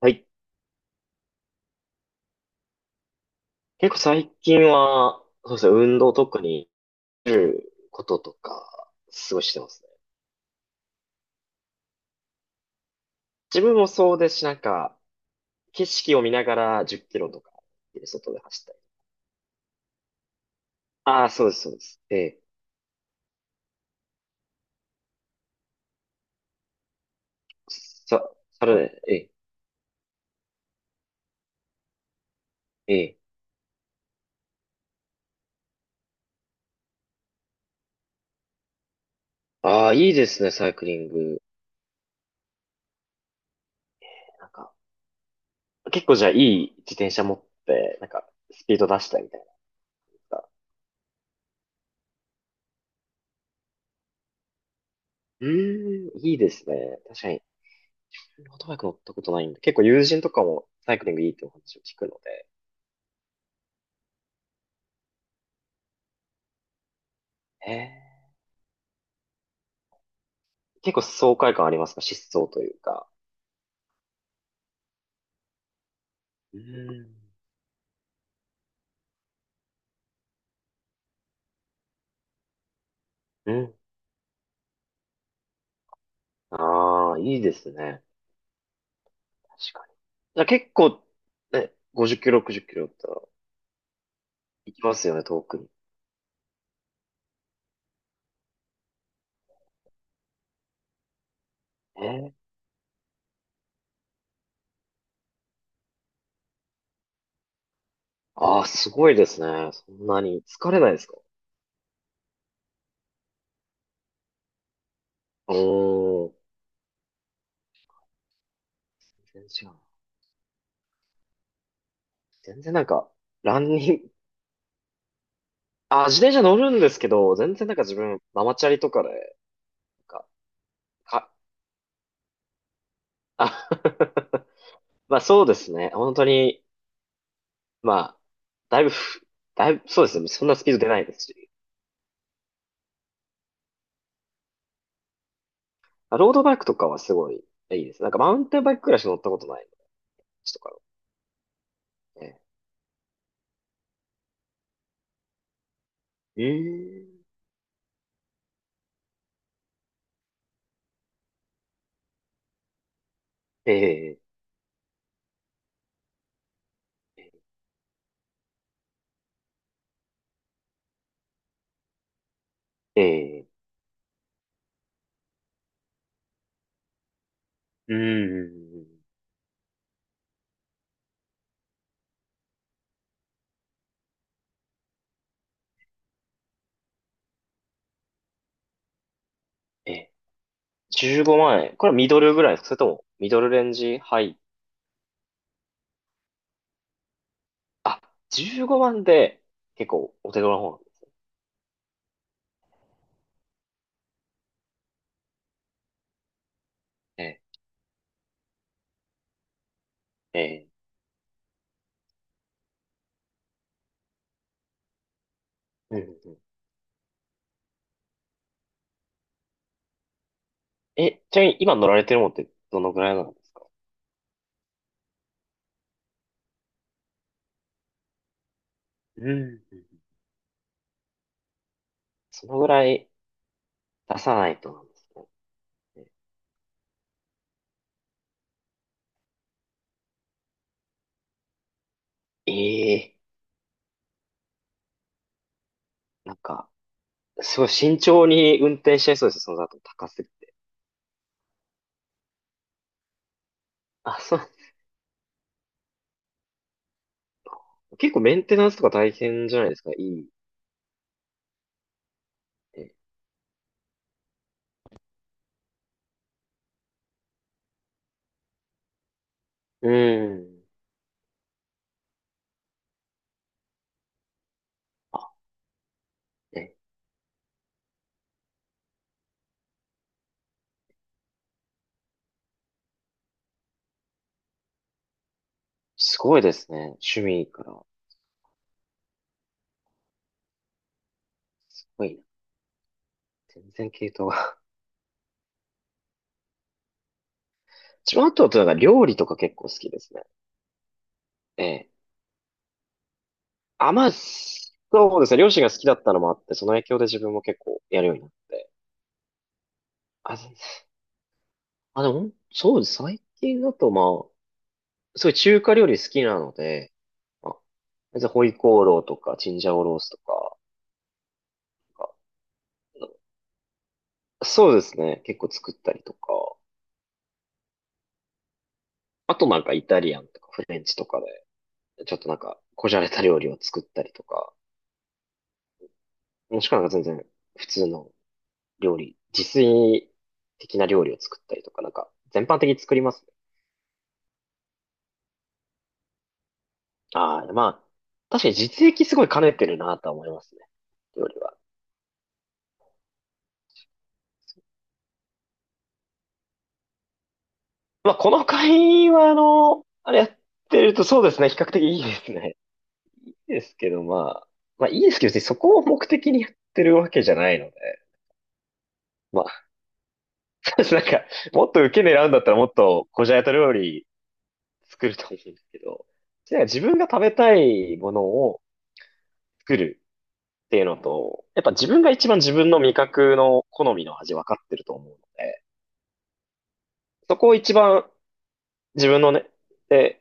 はい。結構最近は、そうですね、運動とかに出ることとか、すごいしてますね。自分もそうですし、なんか、景色を見ながら10キロとか、外で走ったり。ああ、そうです、そうです。ええ。さ、それね、ええ、ええ。ああ、いいですね、サイクリング。なんか、結構じゃあいい自転車持って、なんか、スピード出したりみたいなのが。うーん、いいですね。確かに、オートバイク乗ったことないんで、結構友人とかもサイクリングいいってお話を聞くので。ええ。結構爽快感ありますか？疾走というか。うん。うん。ああ、いいですね。確かに。じゃあ結構、ね、50キロ、60キロだったら、行きますよね、遠くに。えああー、すごいですね。そんなに疲れないですか？おー、全然違うな。全然なんか、ランニング、あ、自転車乗るんですけど、全然なんか自分、ママチャリとかで、なんか、か、あ まあそうですね。本当に、まあ、だいぶふ、だいぶ、そうですね。そんなスピード出ないですし。ロードバイクとかはすごいいいです。なんかマウンテンバイクくらいしか乗ったことないの。ちとかのね。ええええええうーん。ええ、15万円。これはミドルぐらいですか？それともミドルレンジハイ？あ、15万で結構お手頃な方なんですね。ええ。うん。ちなみに今乗られてるものってどのぐらいなんですか？うん。そのぐらい出さないとなんですね。ええ。なんか、すごい慎重に運転しちゃいそうです、その後高すぎて。あ、そう。結構メンテナンスとか大変じゃないですか、いいって。うん。あ、え、すごいですね。趣味から。すごいな。全然系統が。自分あとはなんか料理とか結構好きですね。ええ。あ、まあ、そうですね。両親が好きだったのもあって、その影響で自分も結構やるようになって。あ、全然あ、でも、そうです。最近だとまあ、すごい中華料理好きなので、まあ、じゃあホイコーローとか、チンジャオロースとか、なんかそうですね。結構作ったりとか。あとなんかイタリアンとかフレンチとかで、ちょっとなんか、こじゃれた料理を作ったりとか、もしくはなんか全然普通の料理、自炊的な料理を作ったりとか、なんか、全般的に作りますね。ああ、まあ、確かに実益すごい兼ねてるなとは思いますね。料理は。まあ、この会話の、あれやってるとそうですね、比較的いいですね。いいですけど、まあいいですけど、別にそこを目的にやってるわけじゃないので、ま 私なんか、もっと受け狙うんだったらもっとこじゃれた料理作ると思うんですけど、なんか自分が食べたいものを作るっていうのと、やっぱ自分が一番自分の味覚の好みの味分かってると思うので、そこを一番自分のね、で、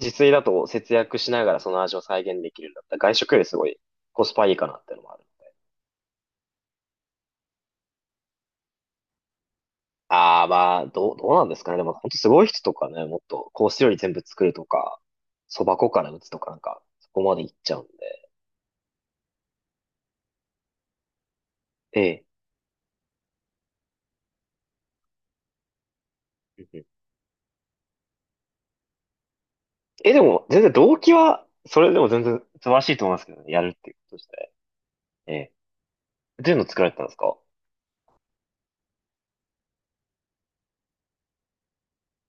自炊だと節約しながらその味を再現できるんだったら外食よりすごいコスパいいかなっていうのもある。ああ、まあ、どうなんですかね。でも本当すごい人とかね、もっとコース料理全部作るとか、そば粉から打つとかなんか、そこまでいっちゃうんで。ええ。うんうん。でも、全然動機は、それでも全然素晴らしいと思いますけどね。やるっていうことしてええ。どういうの作られてたんですか？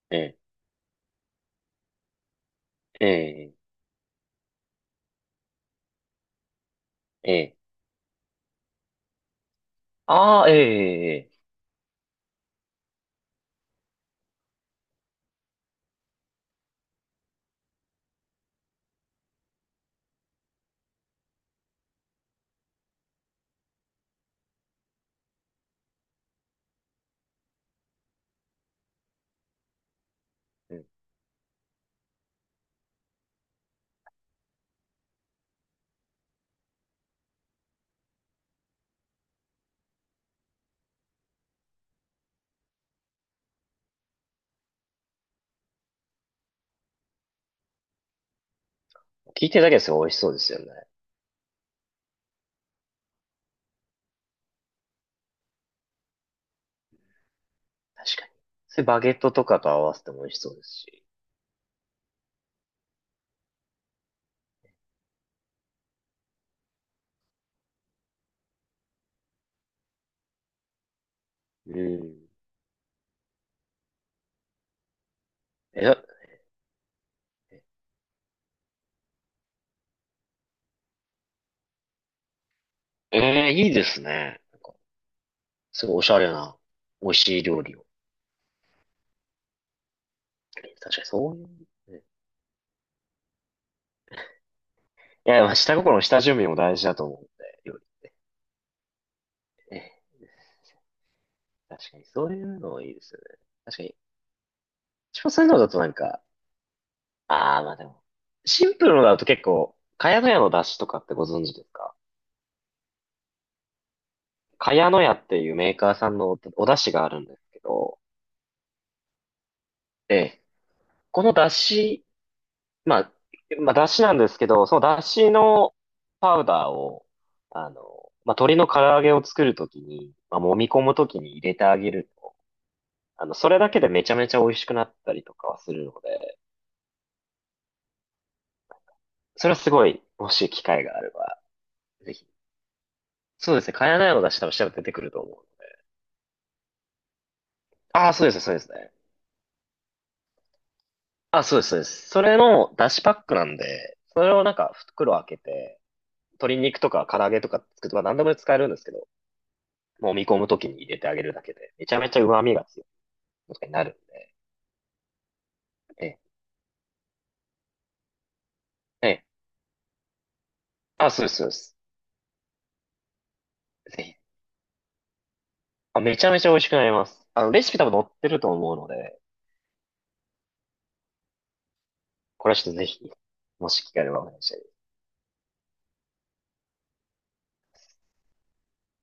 ええ。ええ。ええ。ああ、ええ、ええ。ええ。うん。聞いてるだけですよ。美味しそうですよね。確かに。それバゲットとかと合わせても美味しそうですし。うん。え、ええ、いいですね。なんか、すごいおしゃれな、美味しい料理を。確かにそういう。ね。いや、まあ、下心、下準備も大事だと思うんで、料理ってね。確かにそういうのいいですよね。確かに。一応そういうのだとなんか、ああ、まあでも、シンプルのだと結構、ヤノヤの出汁とかってご存知ですか？ヤノヤっていうメーカーさんのお出汁があるんですけど、ええ、この出汁、まあ、まあ、出汁なんですけど、その出汁のパウダーを、あの、まあ、鶏の唐揚げを作るときに、まあ、揉み込むときに入れてあげると、それだけでめちゃめちゃ美味しくなったりとかはするので、それはすごい、もし機会があれば、ぜひ。そうですね、茅乃舎の出汁多分調べて出てくると思う。ああ、そうですね、そうですね。あ、そうです、そうです。それの出汁パックなんで、それをなんか袋開けて、鶏肉とか唐揚げとか作るとか何でも使えるんですけど、もみ込むときに入れてあげるだけで、めちゃめちゃ旨味が強いとかになるんで。ええ、ええ。あ、そうです、そうです。ぜひ。あ、めちゃめちゃ美味しくなります。レシピ多分載ってると思うので、これはちょっとぜひ、もし機会があればお願いします。